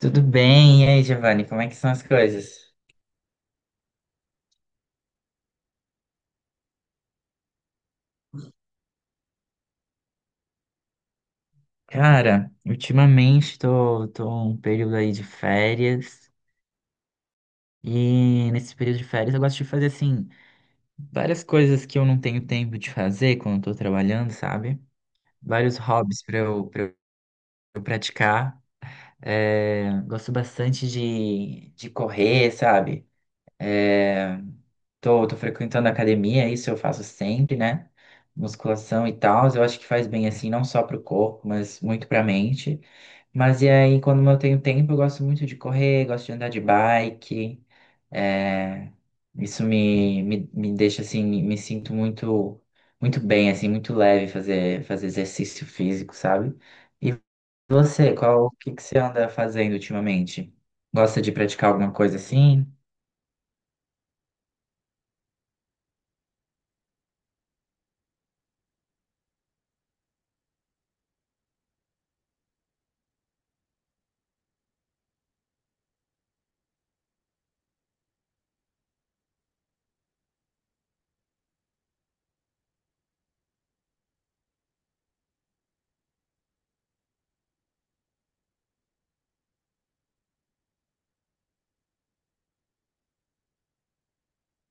Tudo bem? E aí, Giovanni, como é que são as coisas? Cara, ultimamente tô um período aí de férias e nesse período de férias eu gosto de fazer, assim, várias coisas que eu não tenho tempo de fazer quando tô trabalhando, sabe? Vários hobbies pra eu praticar. É, gosto bastante de correr, sabe? É, tô frequentando a academia, isso eu faço sempre, né? Musculação e tal, eu acho que faz bem assim, não só pro corpo, mas muito pra mente. Mas e aí, quando eu tenho tempo, eu gosto muito de correr, gosto de andar de bike. É, Isso me deixa assim, me sinto muito bem, assim, muito leve fazer, fazer exercício físico, sabe? E você, o que que você anda fazendo ultimamente? Gosta de praticar alguma coisa assim?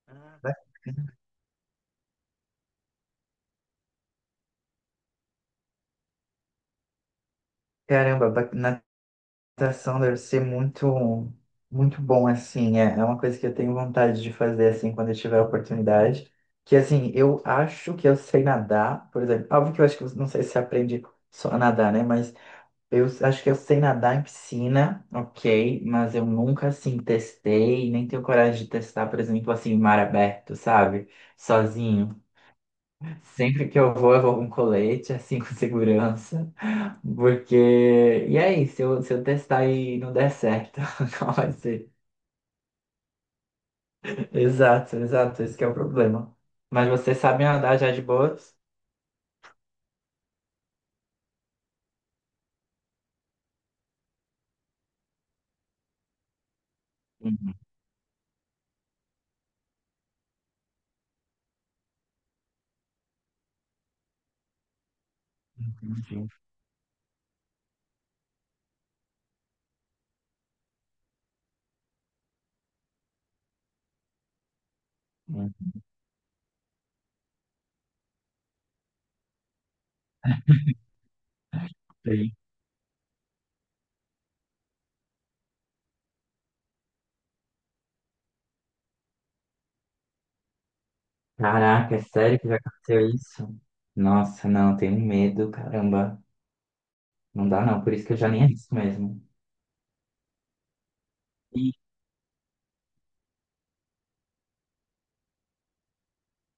Ah, bacana. Caramba, natação deve ser muito, muito bom, assim. É é uma coisa que eu tenho vontade de fazer, assim, quando eu tiver a oportunidade. Que, assim, eu acho que eu sei nadar, por exemplo. Óbvio que eu acho que, não sei se você aprende só a nadar, né? Mas eu acho que eu sei nadar em piscina, ok. Mas eu nunca, assim, testei, nem tenho coragem de testar, por exemplo, assim, em mar aberto, sabe? Sozinho. Sempre que eu vou com colete, assim, com segurança. Porque. E aí, se eu testar e não der certo, qual vai ser? Exato, exato, esse que é o problema. Mas vocês sabem andar já de boas? Uhum. Entendi. Entendi. Caraca, é sério que já aconteceu isso? Nossa, não, tenho medo, caramba. Não dá não, por isso que eu já nem arrisco mesmo. Ih.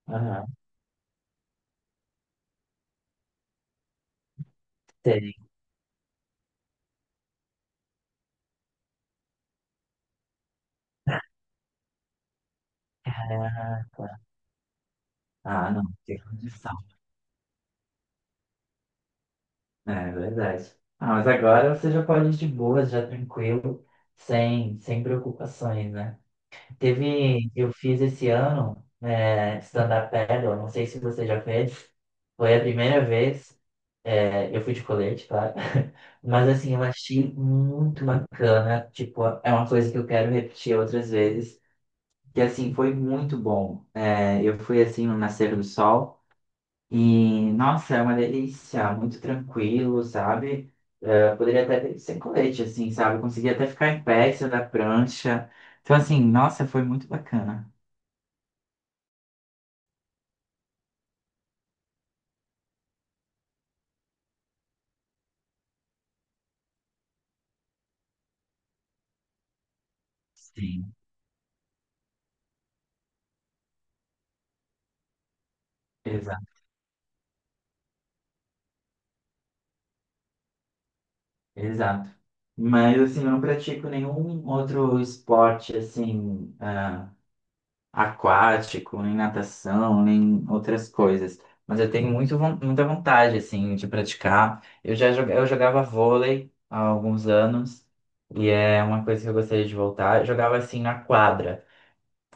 Aham, sei. Caraca. Ah, não, tem condição. É é verdade. Ah, mas agora você já pode ir de boas, já tranquilo, sem, sem preocupações, né? Teve, eu fiz esse ano é, stand-up paddle, não sei se você já fez, foi a primeira vez, é, eu fui de colete, claro, mas assim, eu achei muito bacana, tipo, é uma coisa que eu quero repetir outras vezes, que assim, foi muito bom. É, eu fui assim no nascer do sol e, nossa, é uma delícia, muito tranquilo, sabe? É, poderia até ser colete, assim, sabe? Eu consegui até ficar em pé, em cima da prancha, então assim, nossa, foi muito bacana. Sim, exato, exato. Mas assim, eu não pratico nenhum outro esporte assim, ah, aquático, nem natação, nem outras coisas. Mas eu tenho muito, muita vontade assim de praticar. Eu jogava vôlei há alguns anos e é uma coisa que eu gostaria de voltar. Eu jogava assim na quadra.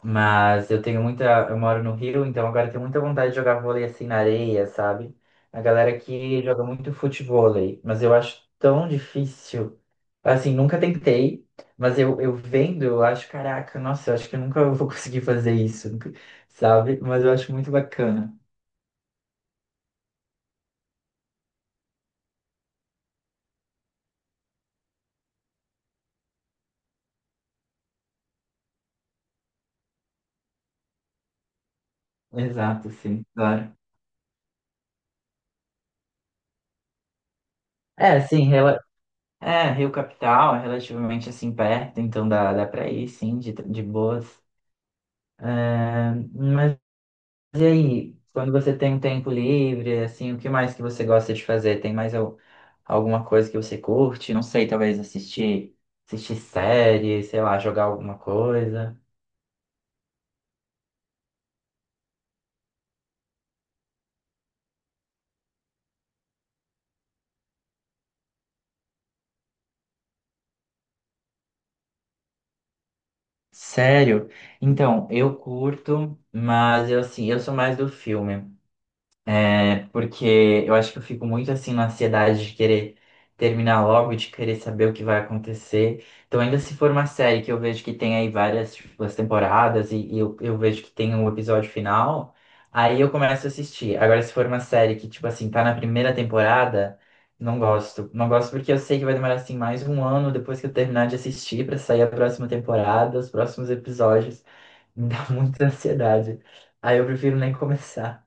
Mas eu tenho muita. Eu moro no Rio, então agora eu tenho muita vontade de jogar vôlei assim na areia, sabe? A galera que joga muito futevôlei, mas eu acho tão difícil. Assim, nunca tentei, mas eu vendo, eu acho, caraca, nossa, eu acho que eu nunca vou conseguir fazer isso, nunca- sabe? Mas eu acho muito bacana. Exato, sim, claro. É, sim, é, Rio Capital é relativamente assim perto, então dá, dá pra ir, sim, de boas. É, mas E aí, quando você tem um tempo livre, assim, o que mais que você gosta de fazer? Tem mais alguma coisa que você curte? Não sei, talvez assistir série, sei lá, jogar alguma coisa. Sério? Então, eu curto, mas eu assim, eu sou mais do filme. É, porque eu acho que eu fico muito assim na ansiedade de querer terminar logo, de querer saber o que vai acontecer. Então, ainda se for uma série que eu vejo que tem aí várias, tipo, as temporadas e eu vejo que tem um episódio final, aí eu começo a assistir. Agora, se for uma série que, tipo assim, tá na primeira temporada, não gosto. Não gosto porque eu sei que vai demorar assim mais um ano depois que eu terminar de assistir pra sair a próxima temporada, os próximos episódios. Me dá muita ansiedade. Aí eu prefiro nem começar.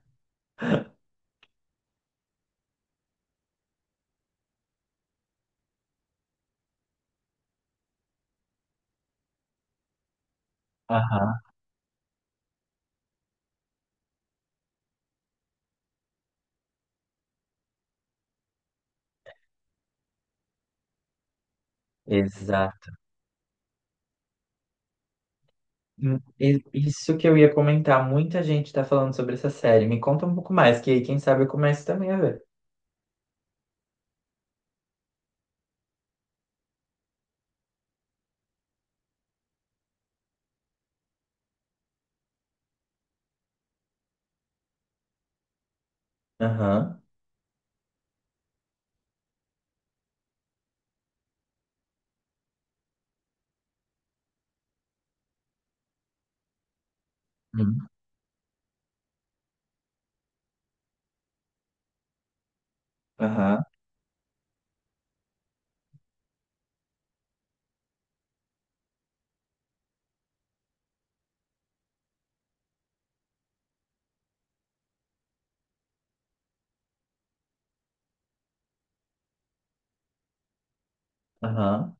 Exato. Isso que eu ia comentar, muita gente tá falando sobre essa série. Me conta um pouco mais, que aí quem sabe eu começo também a ver. Aham. Hum. Aham. Aham.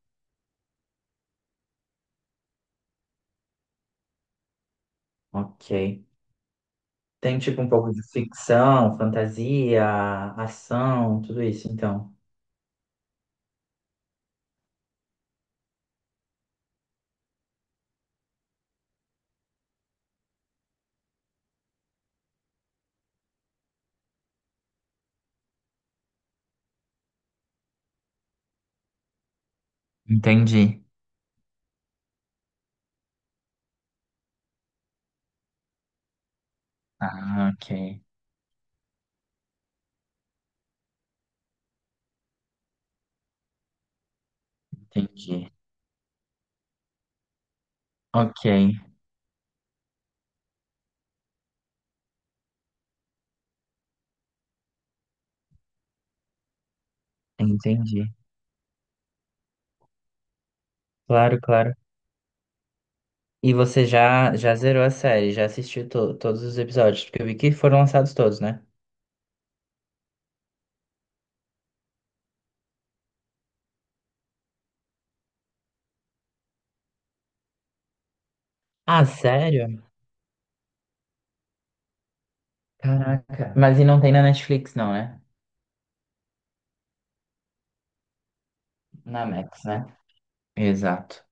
Ok. Tem tipo um pouco de ficção, fantasia, ação, tudo isso, então. Entendi. Ah, ok. Entendi. Ok. Entendi. Claro, claro. E você já, já zerou a série, já assistiu todos os episódios, porque eu vi que foram lançados todos, né? Ah, sério? Caraca. Mas e não tem na Netflix, não, né? Na Max, né? Exato.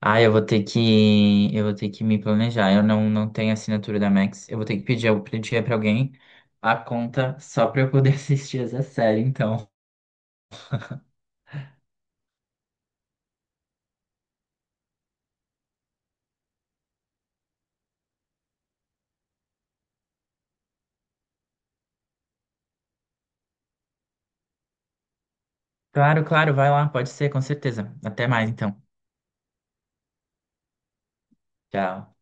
Ah, eu vou ter que me planejar. Eu não, não tenho assinatura da Max. Eu vou ter que pedir, eu pedir para alguém a conta só para eu poder assistir essa série, então. Claro, claro, vai lá, pode ser, com certeza. Até mais, então. Tchau.